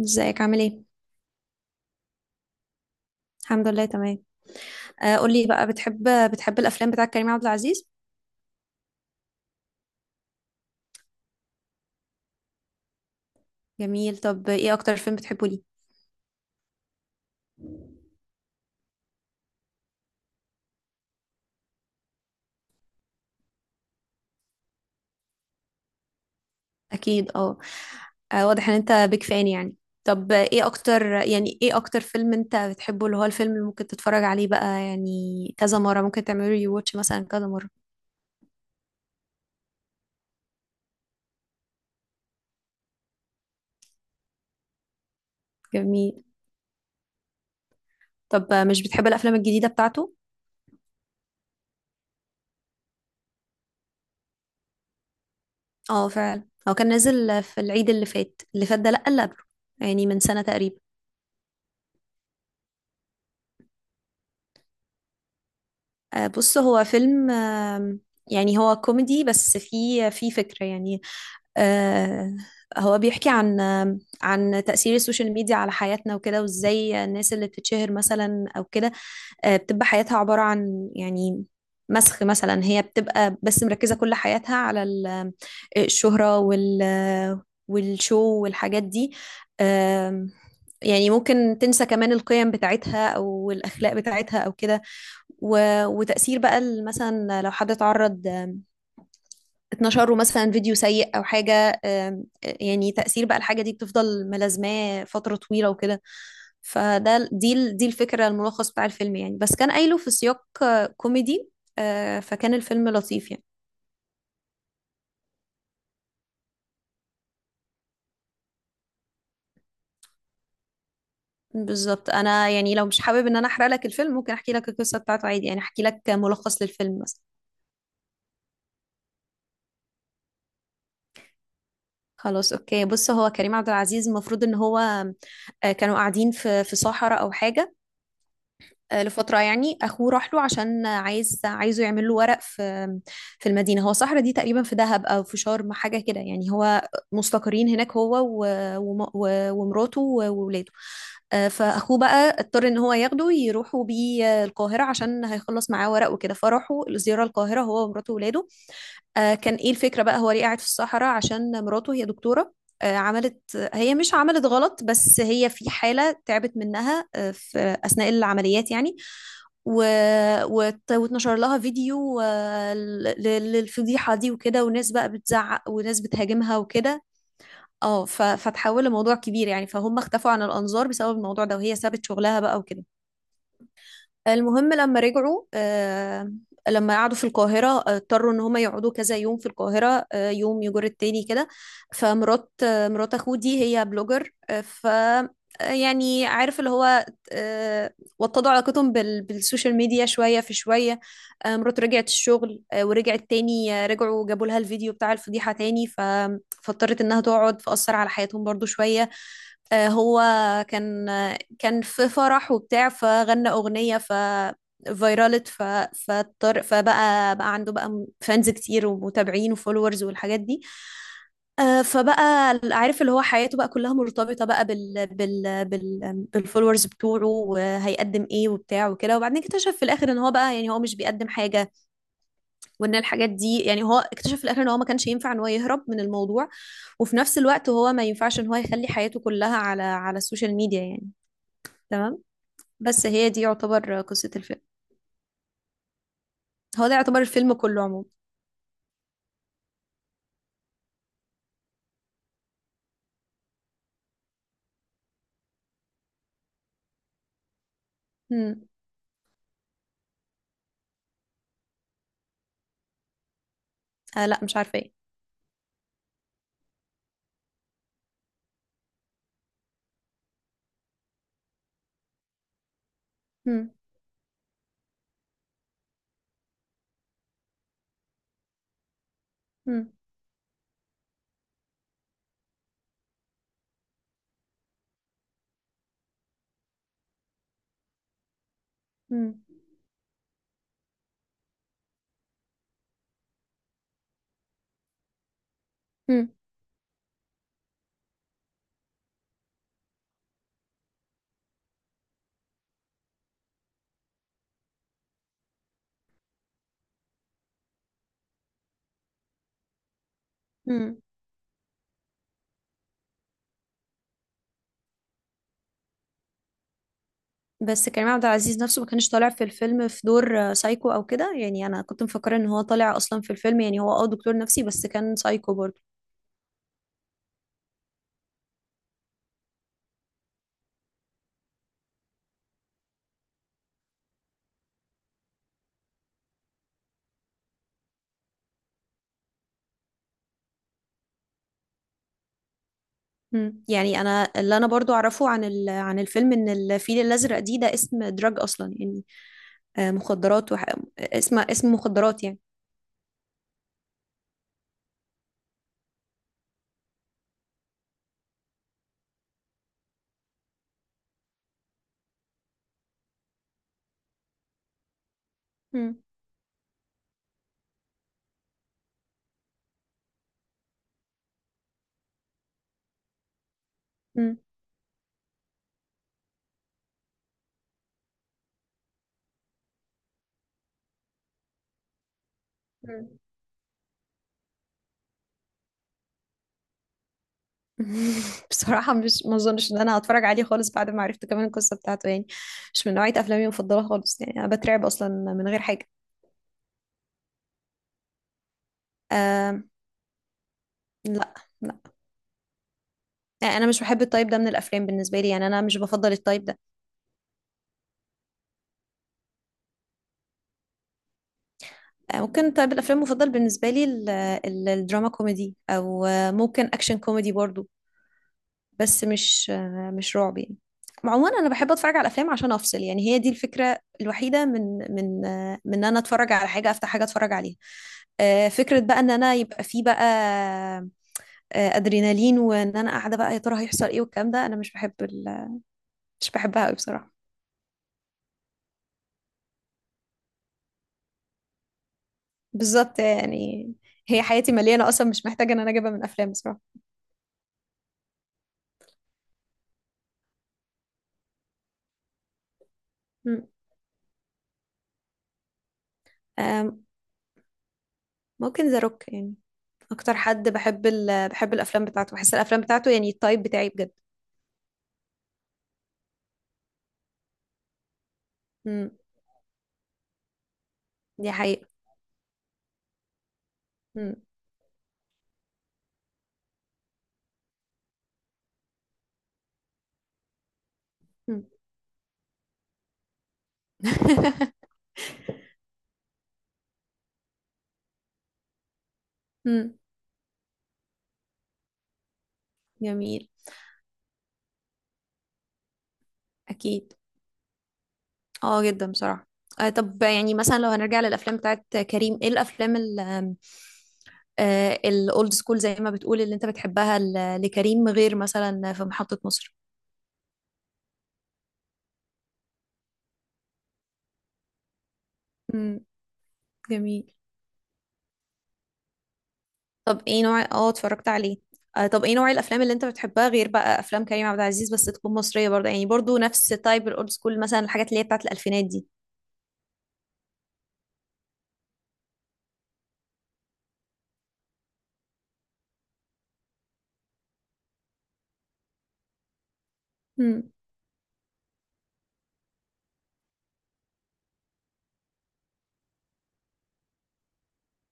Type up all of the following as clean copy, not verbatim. ازيك عامل ايه؟ الحمد لله تمام. آه، قولي بقى بتحب الافلام بتاعت كريم عبد العزيز. جميل. طب ايه اكتر فيلم بتحبه ليه؟ اكيد اه. واضح ان انت بيك فان يعني. طب ايه اكتر، يعني ايه اكتر فيلم انت بتحبه، اللي هو الفيلم اللي ممكن تتفرج عليه بقى يعني؟ كذا مرة ممكن تعمله ري واتش مثلا، كذا مرة؟ جميل. طب مش بتحب الافلام الجديدة بتاعته؟ اه فعلا، هو كان نازل في العيد اللي فات، اللي فات ده لا، اللي قبله، يعني من سنة تقريبا. بص، هو فيلم، يعني هو كوميدي، بس فيه فكرة يعني. آه، هو بيحكي عن، عن تأثير السوشيال ميديا على حياتنا وكده، وازاي الناس اللي بتتشهر مثلا أو كده، بتبقى حياتها عبارة عن يعني مسخ مثلا، هي بتبقى بس مركزة كل حياتها على الشهرة وال، والشو والحاجات دي. آم، يعني ممكن تنسى كمان القيم بتاعتها أو الأخلاق بتاعتها أو كده. و... وتأثير بقى مثلا لو حد اتعرض، اتنشر له مثلا فيديو سيء أو حاجة، يعني تأثير بقى الحاجة دي بتفضل ملازماه فترة طويلة وكده. فده ال- دي ال- دي الفكرة، الملخص بتاع الفيلم يعني، بس كان قايله في سياق كوميدي. فكان الفيلم لطيف يعني. بالظبط. أنا يعني لو مش حابب إن أنا أحرق لك الفيلم، ممكن أحكي لك القصة بتاعته عادي، يعني أحكي لك ملخص للفيلم مثلا. خلاص اوكي، بص، هو كريم عبد العزيز المفروض ان هو، كانوا قاعدين في صحراء او حاجه لفترة يعني. أخوه راح له عشان عايزه يعمل له ورق في في المدينة. هو صحرا دي تقريبا في دهب أو في شرم حاجة كده، يعني هو مستقرين هناك هو ومراته وولاده. فأخوه بقى اضطر إن هو ياخده، يروحوا بيه القاهرة عشان هيخلص معاه ورق وكده، فراحوا الزيارة القاهرة هو ومراته وولاده. كان ايه الفكرة بقى؟ هو ليه قاعد في الصحراء؟ عشان مراته هي دكتورة، عملت، هي مش عملت غلط، بس هي في حالة تعبت منها، في أثناء العمليات يعني. و... واتنشر لها فيديو، للفضيحة دي وكده، وناس بقى بتزعق وناس بتهاجمها وكده. اه فتحول لموضوع كبير يعني، فهم اختفوا عن الأنظار بسبب الموضوع ده، وهي سابت شغلها بقى وكده. المهم لما رجعوا لما قعدوا في القاهرة، اضطروا ان هما يقعدوا كذا يوم في القاهرة، يوم يجر التاني كده. فمرات، مرات اخوه دي هي بلوجر، آه، ف آه، يعني عارف اللي هو، آه، وطدوا علاقتهم بالسوشيال ميديا شوية في شوية. مرات رجعت الشغل، ورجعت تاني، رجعوا جابوا لها الفيديو بتاع الفضيحة تاني، فاضطرت انها تقعد، فأثر على حياتهم برضو شوية. هو كان، كان في فرح وبتاع، فغنى أغنية، فيرالت فاضطر، فبقى عنده بقى فانز كتير ومتابعين وفولورز والحاجات دي. فبقى عارف اللي هو، حياته بقى كلها مرتبطة بقى بالفولورز بتوعه، وهيقدم ايه وبتاع وكده. وبعدين اكتشف في الاخر ان هو بقى يعني هو مش بيقدم حاجة، وان الحاجات دي يعني، هو اكتشف في الاخر ان هو ما كانش ينفع ان هو يهرب من الموضوع، وفي نفس الوقت هو ما ينفعش ان هو يخلي حياته كلها على السوشيال ميديا يعني. تمام. بس هي دي يعتبر قصة الفيلم. هو ده يعتبر الفيلم كله عموما. مم. آه لا، مش عارفة ايه. مم. مم. مم. مم. مم. بس كريم عبد العزيز نفسه ما كانش طالع في الفيلم في دور سايكو او كده يعني. انا كنت مفكرة ان هو طالع اصلا في الفيلم يعني، هو اه دكتور نفسي بس كان سايكو برضه. مم. يعني انا اللي انا برضو اعرفه عن عن الفيلم، ان الفيل الازرق دي، ده اسم دراج اصلا يعني، مخدرات. وح... اسم اسم مخدرات يعني. مم. مم. بصراحة مش، ما اظنش ان انا هتفرج عليه خالص بعد ما عرفت كمان القصة بتاعته يعني. مش من نوعية افلامي المفضلة خالص يعني. انا بترعب اصلا من غير حاجة. آم. لا. لا، يعني انا مش بحب التايب ده من الافلام. بالنسبة لي يعني، انا مش بفضل التايب ده. ممكن تايب الافلام المفضل بالنسبة لي الدراما كوميدي، او ممكن اكشن كوميدي برضو، بس مش مش رعب يعني. عموما انا بحب اتفرج على الافلام عشان افصل يعني، هي دي الفكرة الوحيدة من ان انا اتفرج على حاجة، افتح حاجة اتفرج عليها. فكرة بقى ان انا يبقى في بقى ادرينالين، وان انا قاعدة بقى يا ترى هيحصل ايه والكلام ده، انا مش بحب مش بحبها قوي بصراحة. بالظبط يعني، هي حياتي مليانة اصلا، مش محتاجة ان انا اجيبها من افلام بصراحة. مم. آم، ممكن ذا روك يعني. اكتر حد بحب بحب الافلام بتاعته، بحس الافلام بتاعته يعني التايب بتاعي بجد. مم. دي حقيقة. مم. مم. مم. جميل. اكيد. اه جدا بصراحة. آه، طب يعني مثلا لو هنرجع للأفلام بتاعت كريم، ايه الأفلام ال آه، الأولد سكول، زي ما بتقول، اللي انت بتحبها لكريم غير مثلا في محطة مصر؟ امم. جميل. طب ايه نوع، اه اتفرجت عليه. آه طب ايه نوع الأفلام اللي انت بتحبها غير بقى أفلام كريم عبد العزيز، بس تكون مصرية برضه يعني، برضه نفس تايب الأولد سكول، مثلا الحاجات اللي هي بتاعت الألفينات دي؟ امم.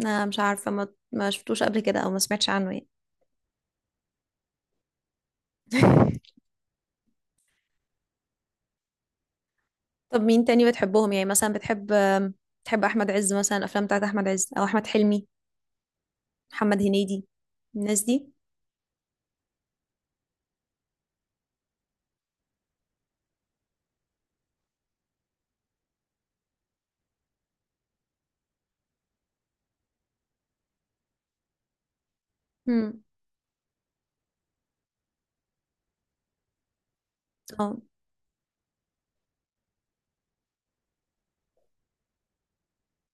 أنا مش عارفة، ما شفتوش قبل كده أو ما سمعتش عنه يعني. طب مين تاني بتحبهم؟ يعني مثلا بتحب بتحب احمد عز مثلا، الافلام بتاعت احمد عز او احمد حلمي، محمد هنيدي، الناس دي. امم. اه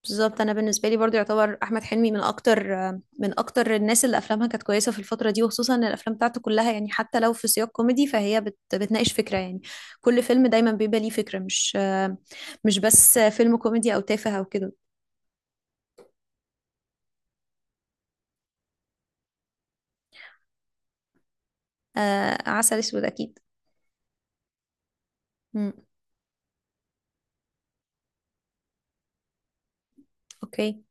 بالظبط، انا بالنسبه لي برضو يعتبر احمد حلمي من اكتر من اكتر الناس اللي افلامها كانت كويسه في الفتره دي، وخصوصا ان الافلام بتاعته كلها يعني حتى لو في سياق كوميدي فهي بتناقش فكره يعني. كل فيلم دايما بيبقى ليه فكره، مش مش بس فيلم كوميدي او تافه او كده. آه، عسل اسود اكيد. امم. اوكي.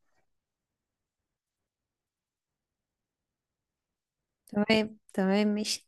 تمام تمام ماشي.